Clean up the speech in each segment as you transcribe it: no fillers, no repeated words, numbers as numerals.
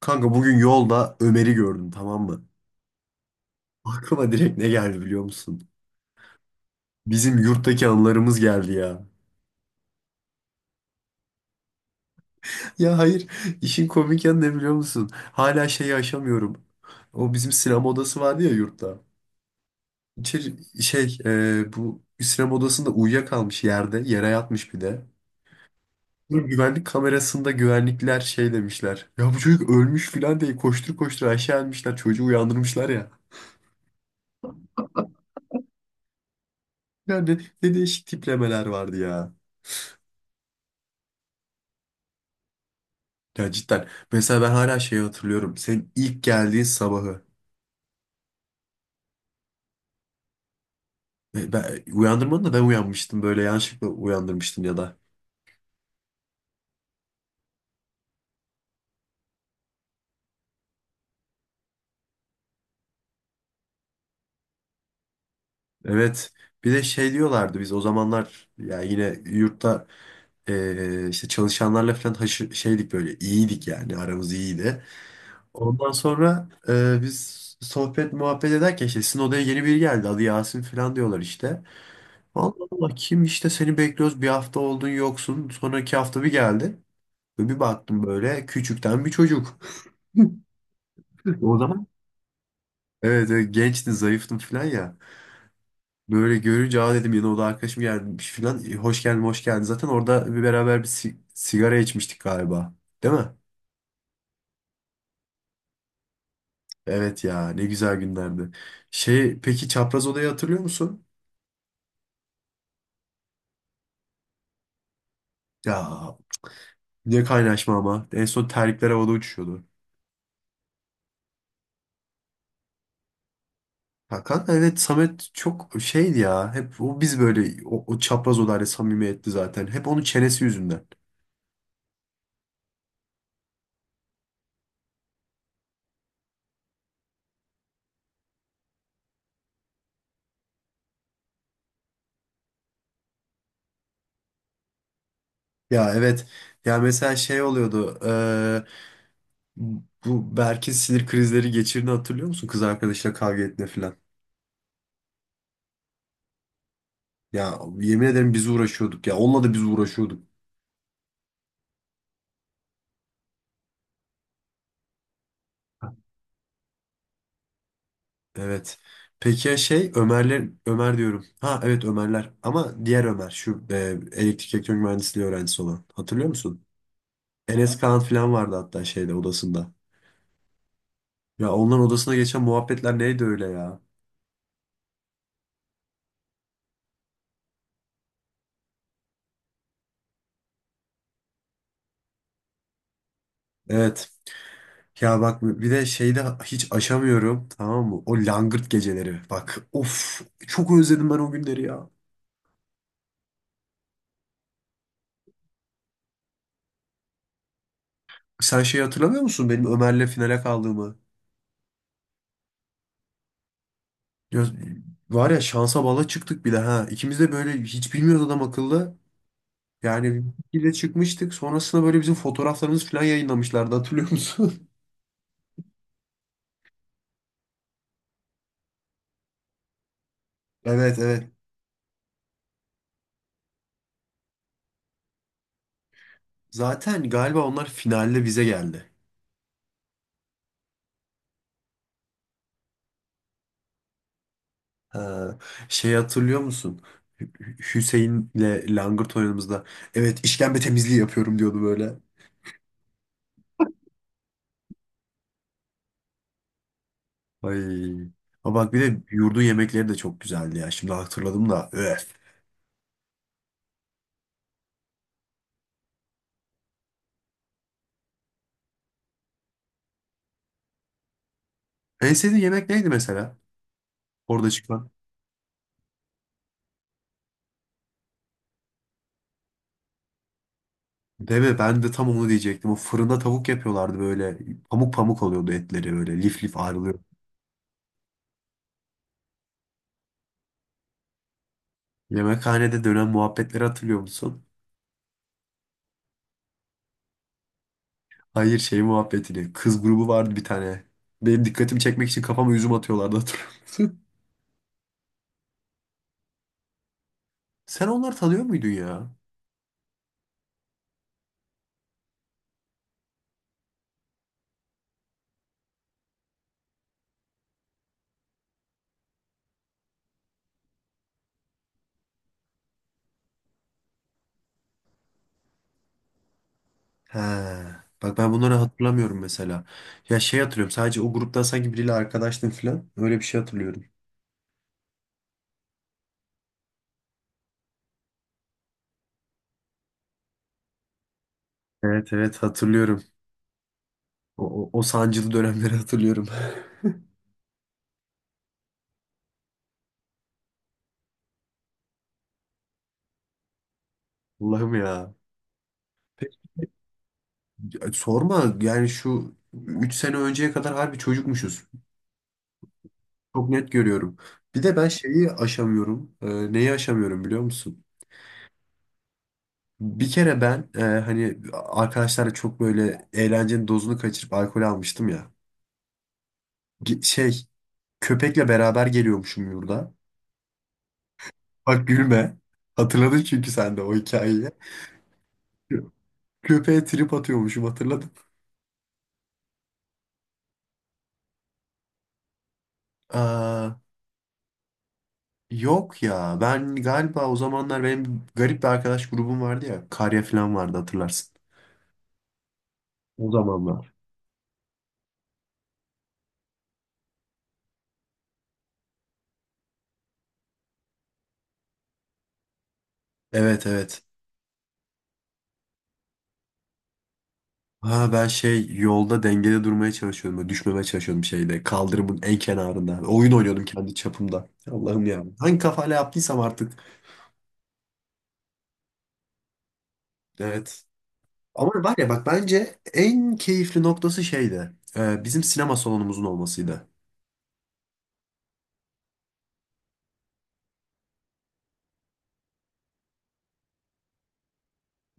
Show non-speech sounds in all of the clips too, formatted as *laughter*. Kanka bugün yolda Ömer'i gördüm tamam mı? Aklıma direkt ne geldi biliyor musun? Bizim yurttaki anılarımız geldi ya. Ya hayır işin komik yanı ne biliyor musun? Hala şeyi aşamıyorum. O bizim sinema odası vardı ya yurtta. İçeri, Bu sinema odasında uyuyakalmış yerde yere yatmış bir de. Bu güvenlik kamerasında güvenlikler şey demişler. Ya bu çocuk ölmüş filan diye koştur koştur aşağı inmişler çocuğu uyandırmışlar ya. Yani ne değişik tiplemeler vardı ya. Ya cidden. Mesela ben hala şeyi hatırlıyorum. Senin ilk geldiğin sabahı. Uyandırmadın da ben uyanmıştım. Böyle yanlışlıkla uyandırmıştın ya da. Evet. Bir de şey diyorlardı biz o zamanlar ya yine yurtta işte çalışanlarla falan şeydik böyle iyiydik yani aramız iyiydi. Ondan sonra biz sohbet muhabbet ederken işte sizin odaya yeni biri geldi adı Yasin falan diyorlar işte. Allah Allah kim işte seni bekliyoruz bir hafta oldun yoksun sonraki hafta bir geldi. Ve bir baktım böyle küçükten bir çocuk. *laughs* O zaman evet, evet gençtim zayıftım falan ya. Böyle görünce aa dedim yine o da arkadaşım gelmiş falan. E, hoş geldin hoş geldin. Zaten orada bir beraber bir sigara içmiştik galiba. Değil mi? Evet ya ne güzel günlerdi. Şey peki çapraz odayı hatırlıyor musun? Ya ne kaynaşma ama. En son terlikler havada uçuşuyordu. Hakan evet Samet çok şeydi ya. Hep o biz böyle o çapraz odayla samimiyetli zaten. Hep onun çenesi yüzünden. Ya evet. Ya mesela şey oluyordu. Bu Berk'in sinir krizleri geçirdiğini hatırlıyor musun? Kız arkadaşıyla kavga ettiğinde falan. Ya yemin ederim biz uğraşıyorduk. Ya onunla da biz uğraşıyorduk. Evet. Peki ya şey Ömerler Ömer diyorum. Ha evet Ömerler. Ama diğer Ömer şu elektrik elektronik mühendisliği öğrencisi olan. Hatırlıyor musun? Enes Kaan falan vardı hatta şeyde odasında. Ya onların odasına geçen muhabbetler neydi öyle ya? Evet. Ya bak bir de şeyde hiç aşamıyorum tamam mı? O langırt geceleri. Bak of çok özledim ben o günleri ya. Sen şey hatırlamıyor musun benim Ömer'le finale kaldığımı? Ya, var ya şansa bala çıktık bir de ha. İkimiz de böyle hiç bilmiyoruz adam akıllı. Yani bir de çıkmıştık. Sonrasında böyle bizim fotoğraflarımız falan yayınlamışlardı hatırlıyor musun? *laughs* Evet, evet. Zaten galiba onlar finalde bize geldi. Ha, şey hatırlıyor musun? Hüseyin'le langırt oynadığımızda evet işkembe temizliği yapıyorum diyordu böyle. Ay. Ama bak bir de yurdun yemekleri de çok güzeldi ya. Şimdi hatırladım da. Öf. En sevdiğin yemek neydi mesela? Orada çıkan. Değil mi? Ben de tam onu diyecektim. O fırında tavuk yapıyorlardı böyle. Pamuk pamuk oluyordu etleri böyle. Lif lif ayrılıyor. Yemekhanede dönen muhabbetleri hatırlıyor musun? Hayır şey muhabbetini. Kız grubu vardı bir tane. Benim dikkatimi çekmek için kafama üzüm atıyorlardı hatırlıyorum. Sen onları tanıyor muydun ya? He. Bak ben bunları hatırlamıyorum mesela. Ya şey hatırlıyorum. Sadece o gruptan sanki biriyle arkadaştım falan. Öyle bir şey hatırlıyorum. Evet, evet hatırlıyorum. O sancılı dönemleri hatırlıyorum. *laughs* Allah'ım ya. Peki, sorma yani şu 3 sene önceye kadar harbi çocukmuşuz. Çok net görüyorum. Bir de ben şeyi aşamıyorum. Neyi aşamıyorum biliyor musun? Bir kere ben hani arkadaşlarla çok böyle eğlencenin dozunu kaçırıp alkol almıştım ya. Ge- Şey Köpekle beraber geliyormuşum yurda. Bak gülme. Hatırladın çünkü sen de o hikayeyi. Köpeğe trip atıyormuşum hatırladım. Aa, yok ya ben galiba o zamanlar benim garip bir arkadaş grubum vardı ya. Karya falan vardı hatırlarsın. O zamanlar. Evet, evet. Ha ben şey yolda dengede durmaya çalışıyordum. Böyle düşmemeye çalışıyordum şeyde. Kaldırımın en kenarında. Oyun oynuyordum kendi çapımda. Allah'ım ya. Hangi kafayla yaptıysam artık. Evet. Ama var ya bak bence en keyifli noktası şeydi. Bizim sinema salonumuzun olmasıydı.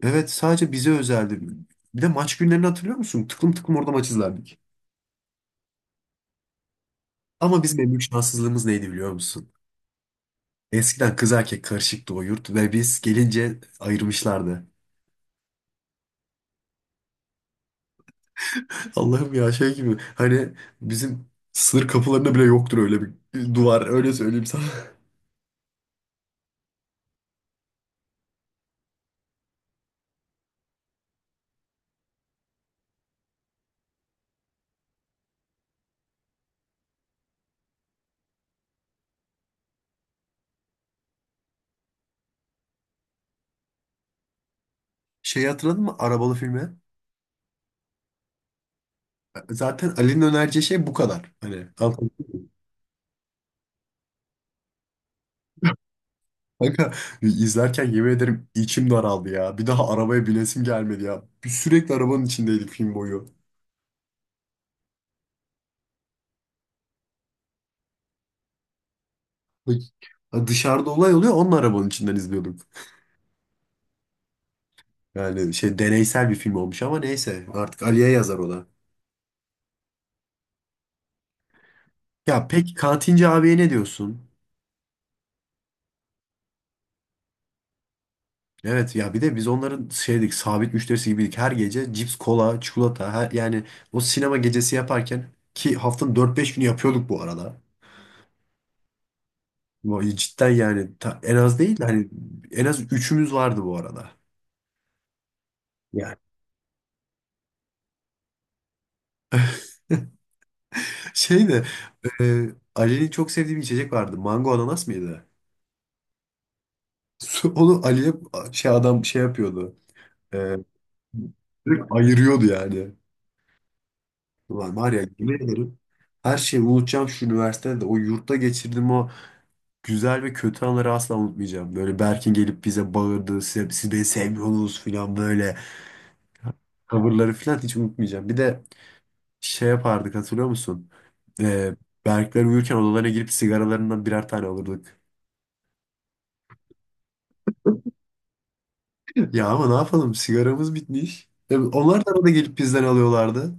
Evet, sadece bize özeldi. Bir de maç günlerini hatırlıyor musun? Tıklım tıklım orada maç izlerdik. Ama bizim en büyük şanssızlığımız neydi biliyor musun? Eskiden kız erkek karışıktı o yurt ve biz gelince ayırmışlardı. *laughs* Allah'ım ya şey gibi hani bizim sınır kapılarında bile yoktur öyle bir duvar öyle söyleyeyim sana. *laughs* Şeyi hatırladın mı arabalı filmi? Zaten Ali'nin önereceği şey bu kadar. Hani anladın mı? Kanka izlerken yemin ederim içim daraldı ya. Bir daha arabaya binesim gelmedi ya. Biz sürekli arabanın içindeydik film boyu. Bak, dışarıda olay oluyor onun arabanın içinden izliyorduk. Yani şey deneysel bir film olmuş ama neyse artık Ali'ye yazar o da. Ya peki kantinci abiye ne diyorsun? Evet ya bir de biz onların şeydik, sabit müşterisi gibiydik. Her gece cips, kola, çikolata her, yani o sinema gecesi yaparken ki haftanın 4-5 günü yapıyorduk bu arada. Vay, cidden yani en az değil de hani en az üçümüz vardı bu arada. Yani. *laughs* Şey de e, Ali'nin çok sevdiği bir içecek vardı. Mango ananas mıydı? *laughs* Onu Ali'ye şey adam şey yapıyordu. E, Direkt ayırıyordu yani. Ulan var ya yemin ederim her şeyi unutacağım şu üniversitede o yurtta geçirdiğim o güzel ve kötü anları asla unutmayacağım. Böyle Berk'in gelip bize bağırdı. Siz beni sevmiyorsunuz falan böyle. Tavırları falan hiç unutmayacağım. Bir de şey yapardık hatırlıyor musun? E, Berkler uyurken odalarına girip sigaralarından birer tane alırdık. Ya ama ne yapalım sigaramız bitmiş. Tabii onlar da arada gelip bizden alıyorlardı.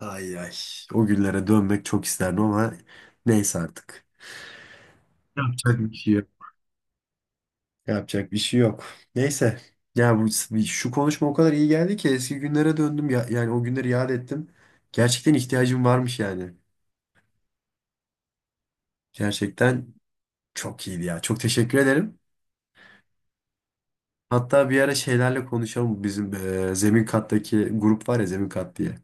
Ay ay o günlere dönmek çok isterdim ama neyse artık. Yapacak bir şey yok. Yapacak bir şey yok. Neyse. Ya bu şu konuşma o kadar iyi geldi ki eski günlere döndüm ya, yani o günleri yad ettim. Gerçekten ihtiyacım varmış yani. Gerçekten çok iyiydi ya. Çok teşekkür ederim. Hatta bir ara şeylerle konuşalım. Bizim zemin kattaki grup var ya zemin kat diye.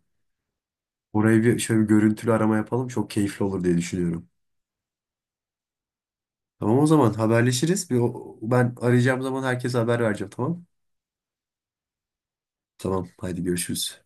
Oraya bir şöyle bir görüntülü arama yapalım. Çok keyifli olur diye düşünüyorum. Tamam o zaman haberleşiriz. Ben arayacağım zaman herkese haber vereceğim tamam? Tamam haydi görüşürüz.